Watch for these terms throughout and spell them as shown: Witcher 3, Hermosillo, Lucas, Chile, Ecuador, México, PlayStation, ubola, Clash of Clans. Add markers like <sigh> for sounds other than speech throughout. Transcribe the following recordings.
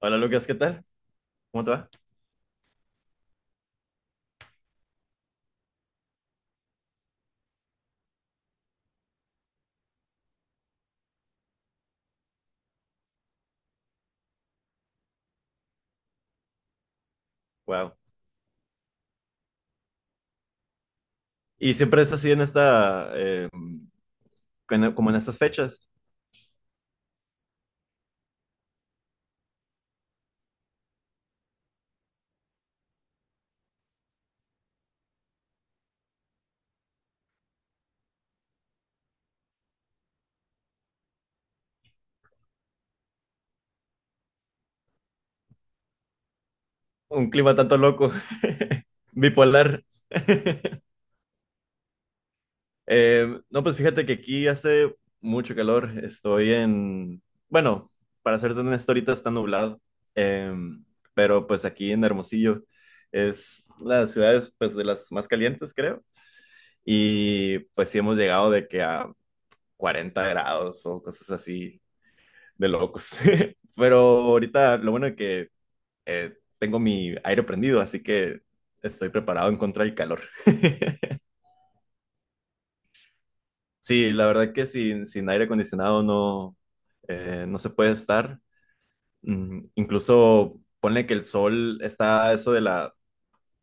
Hola Lucas, ¿qué tal? ¿Cómo te va? Wow. Y siempre es así como en estas fechas, un clima tanto loco, <laughs> bipolar. <laughs> No, pues fíjate que aquí hace mucho calor. Estoy en, bueno, para serte honesto, ahorita está nublado. Eh, pero pues aquí en Hermosillo es las ciudades pues de las más calientes, creo. Y pues sí hemos llegado de que a 40 grados o cosas así. De locos. <laughs> Pero ahorita lo bueno es que tengo mi aire prendido, así que estoy preparado en contra del calor. <laughs> Sí, la verdad que sin aire acondicionado no se puede estar. Incluso ponle que el sol está a eso de la,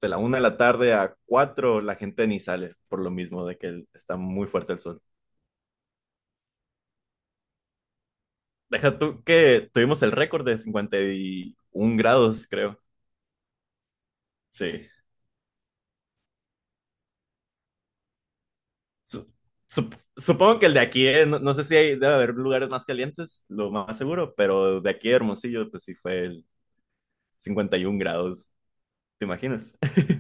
de la una de la tarde a cuatro, la gente ni sale por lo mismo de que está muy fuerte el sol. Deja tú que tuvimos el récord de 51 grados, creo. Sí. Su- sup- supongo que el de aquí, no, no sé si hay, debe haber lugares más calientes, lo más seguro, pero de aquí de Hermosillo, pues sí fue el 51 grados, ¿te imaginas? <laughs>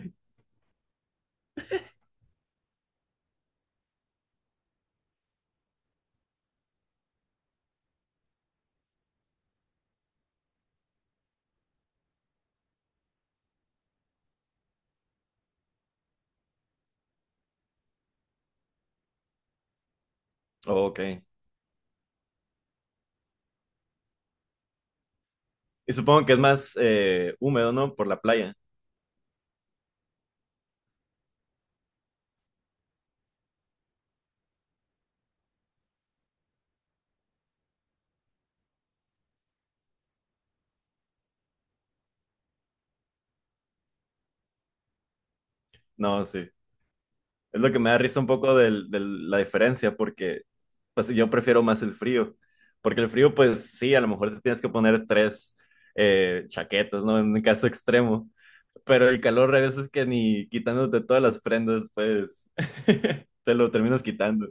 Ok. Y supongo que es más húmedo, ¿no? Por la playa. No, sí. Es lo que me da risa un poco de la diferencia, porque pues yo prefiero más el frío, porque el frío, pues sí, a lo mejor te tienes que poner tres chaquetas, ¿no? En un caso extremo, pero el calor a veces que ni quitándote todas las prendas, pues <laughs> te lo terminas quitando.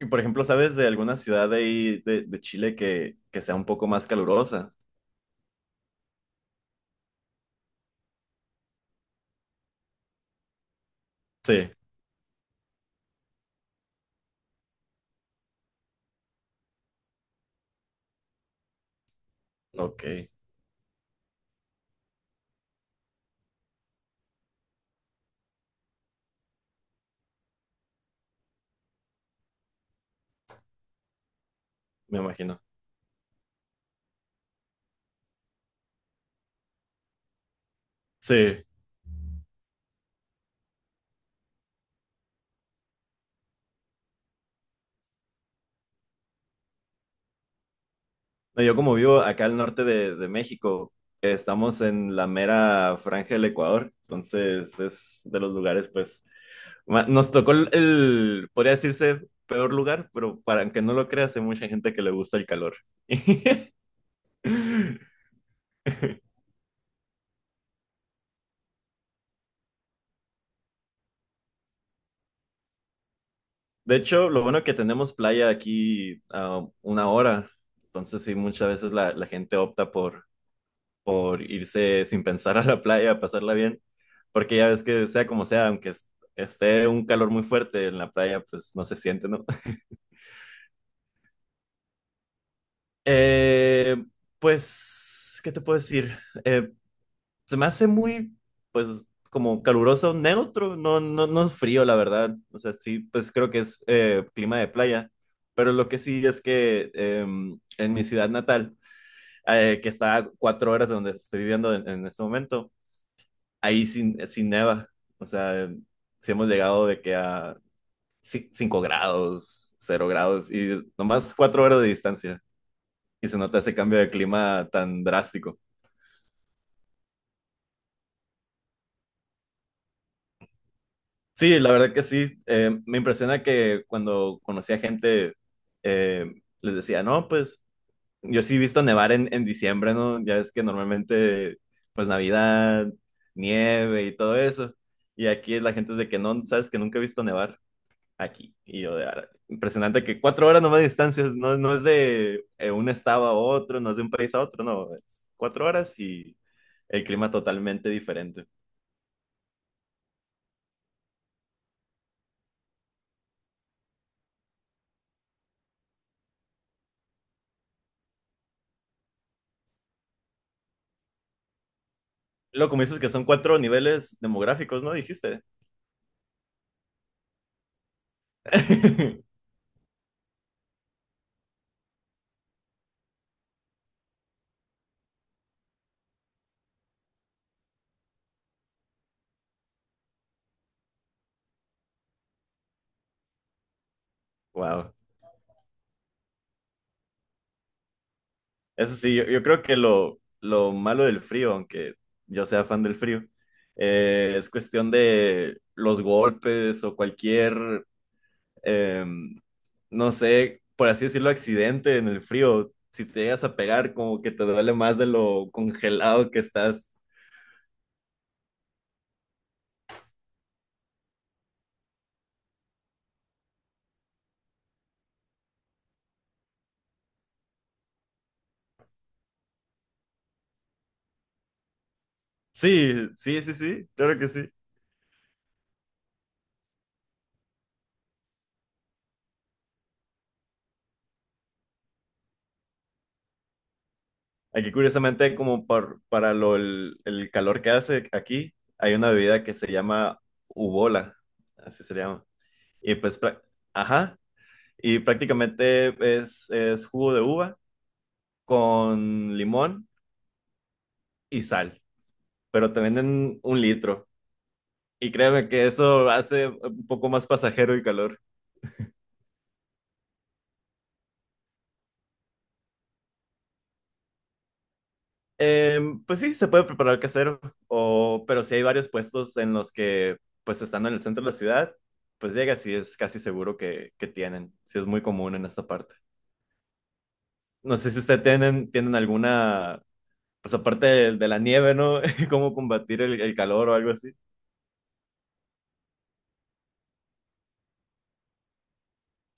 Y por ejemplo, ¿sabes de alguna ciudad de ahí de Chile que sea un poco más calurosa? Sí, ok, me imagino. Sí. No, yo como vivo acá al norte de México, estamos en la mera franja del Ecuador, entonces es de los lugares pues Nos tocó el, podría decirse, peor lugar, pero para que no lo creas, hay mucha gente que le gusta el calor. <laughs> De hecho, lo bueno que tenemos playa aquí a 1 hora, entonces sí, muchas veces la gente opta por irse sin pensar a la playa, a pasarla bien, porque ya ves que sea como sea, aunque esté un calor muy fuerte en la playa, pues no se siente, ¿no? <laughs> Eh, pues, ¿qué te puedo decir? Eh, Se me hace muy, pues, como caluroso, neutro, no, no, no es frío, la verdad. O sea, sí, pues creo que es clima de playa. Pero lo que sí es que en mi ciudad natal, que está a 4 horas de donde estoy viviendo en este momento, ahí sin neva. O sea, sí hemos llegado de que a 5 grados, 0 grados, y nomás 4 horas de distancia. Y se nota ese cambio de clima tan drástico. Sí, la verdad que sí. Me impresiona que cuando conocía gente, eh, les decía, no, pues yo sí he visto nevar en diciembre, ¿no? Ya es que normalmente, pues Navidad, nieve y todo eso. Y aquí la gente es de que no, sabes que nunca he visto nevar aquí. Y yo de, "Ara". Impresionante que 4 horas nomás de distancia, no, no es de un estado a otro, no es de un país a otro, no, es 4 horas y el clima totalmente diferente. Luego, como dices que son cuatro niveles demográficos, ¿no? Dijiste. <laughs> Wow. Eso sí, yo creo que lo malo del frío, aunque yo sea fan del frío, es cuestión de los golpes o cualquier, em, no sé, por así decirlo, accidente en el frío. Si te llegas a pegar, como que te duele más de lo congelado que estás. Sí, sí, sí, sí, claro que sí. Aquí, curiosamente, como para el calor que hace aquí, hay una bebida que se llama ubola, así se llama. Y pues, ajá, y prácticamente es jugo de uva con limón y sal, pero te venden 1 litro. Y créeme que eso hace un poco más pasajero y calor. Pues sí, se puede preparar casero, pero si hay varios puestos en los que, pues estando en el centro de la ciudad, pues llega, sí es casi seguro que, sí es muy común en esta parte. No sé si ustedes tienen alguna, pues aparte de la nieve, ¿no? <laughs> ¿Cómo combatir el calor o algo así?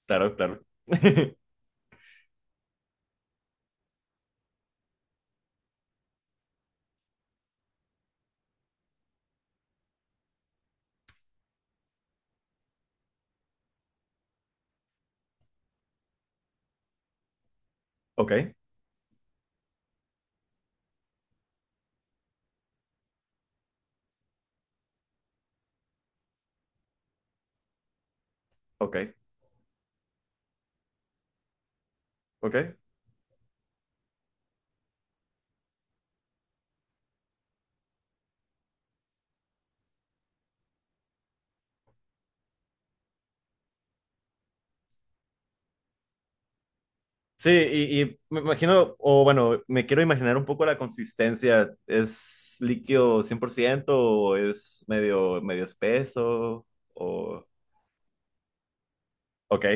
Claro, claro. <laughs> Ok, ok, ok. Sí, y me imagino, o bueno, me quiero imaginar un poco la consistencia. ¿Es líquido 100% o es medio espeso? O... Ok,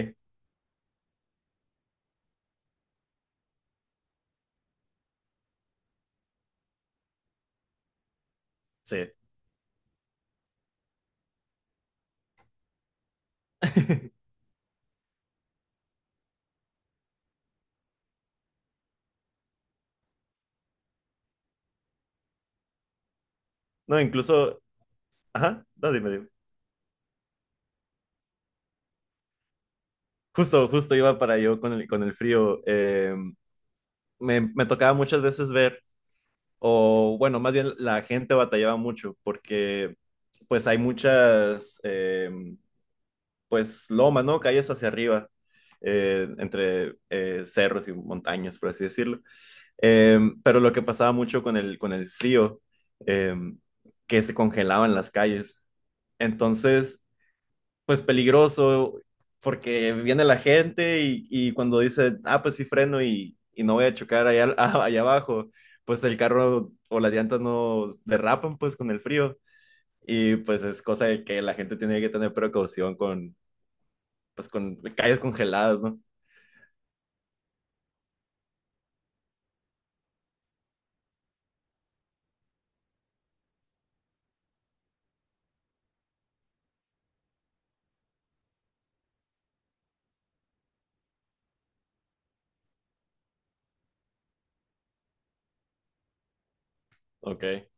sí. <laughs> No, incluso... Ajá, no, dime, dime. Justo, justo iba para yo con el frío. Me tocaba muchas veces ver, o bueno, más bien la gente batallaba mucho porque pues hay pues loma, ¿no? Calles hacia arriba, entre cerros y montañas, por así decirlo. Pero lo que pasaba mucho con el frío, eh, que se congelaban las calles. Entonces, pues peligroso, porque viene la gente y cuando dice, ah, pues sí freno y no voy a chocar allá, <laughs> allá abajo, pues el carro o las llantas no derrapan pues con el frío. Y pues es cosa de que la gente tiene que tener precaución con, pues con calles congeladas, ¿no? Ok.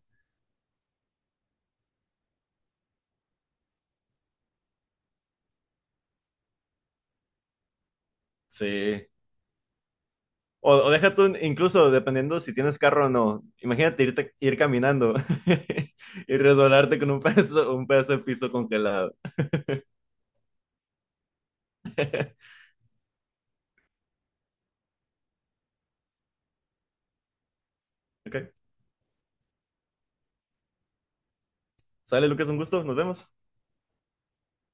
Sí. O deja tú, incluso dependiendo si tienes carro o no, imagínate irte, ir caminando <laughs> y resbalarte con un pedazo de piso congelado. <laughs> Ok, sale Lucas, un gusto, nos vemos.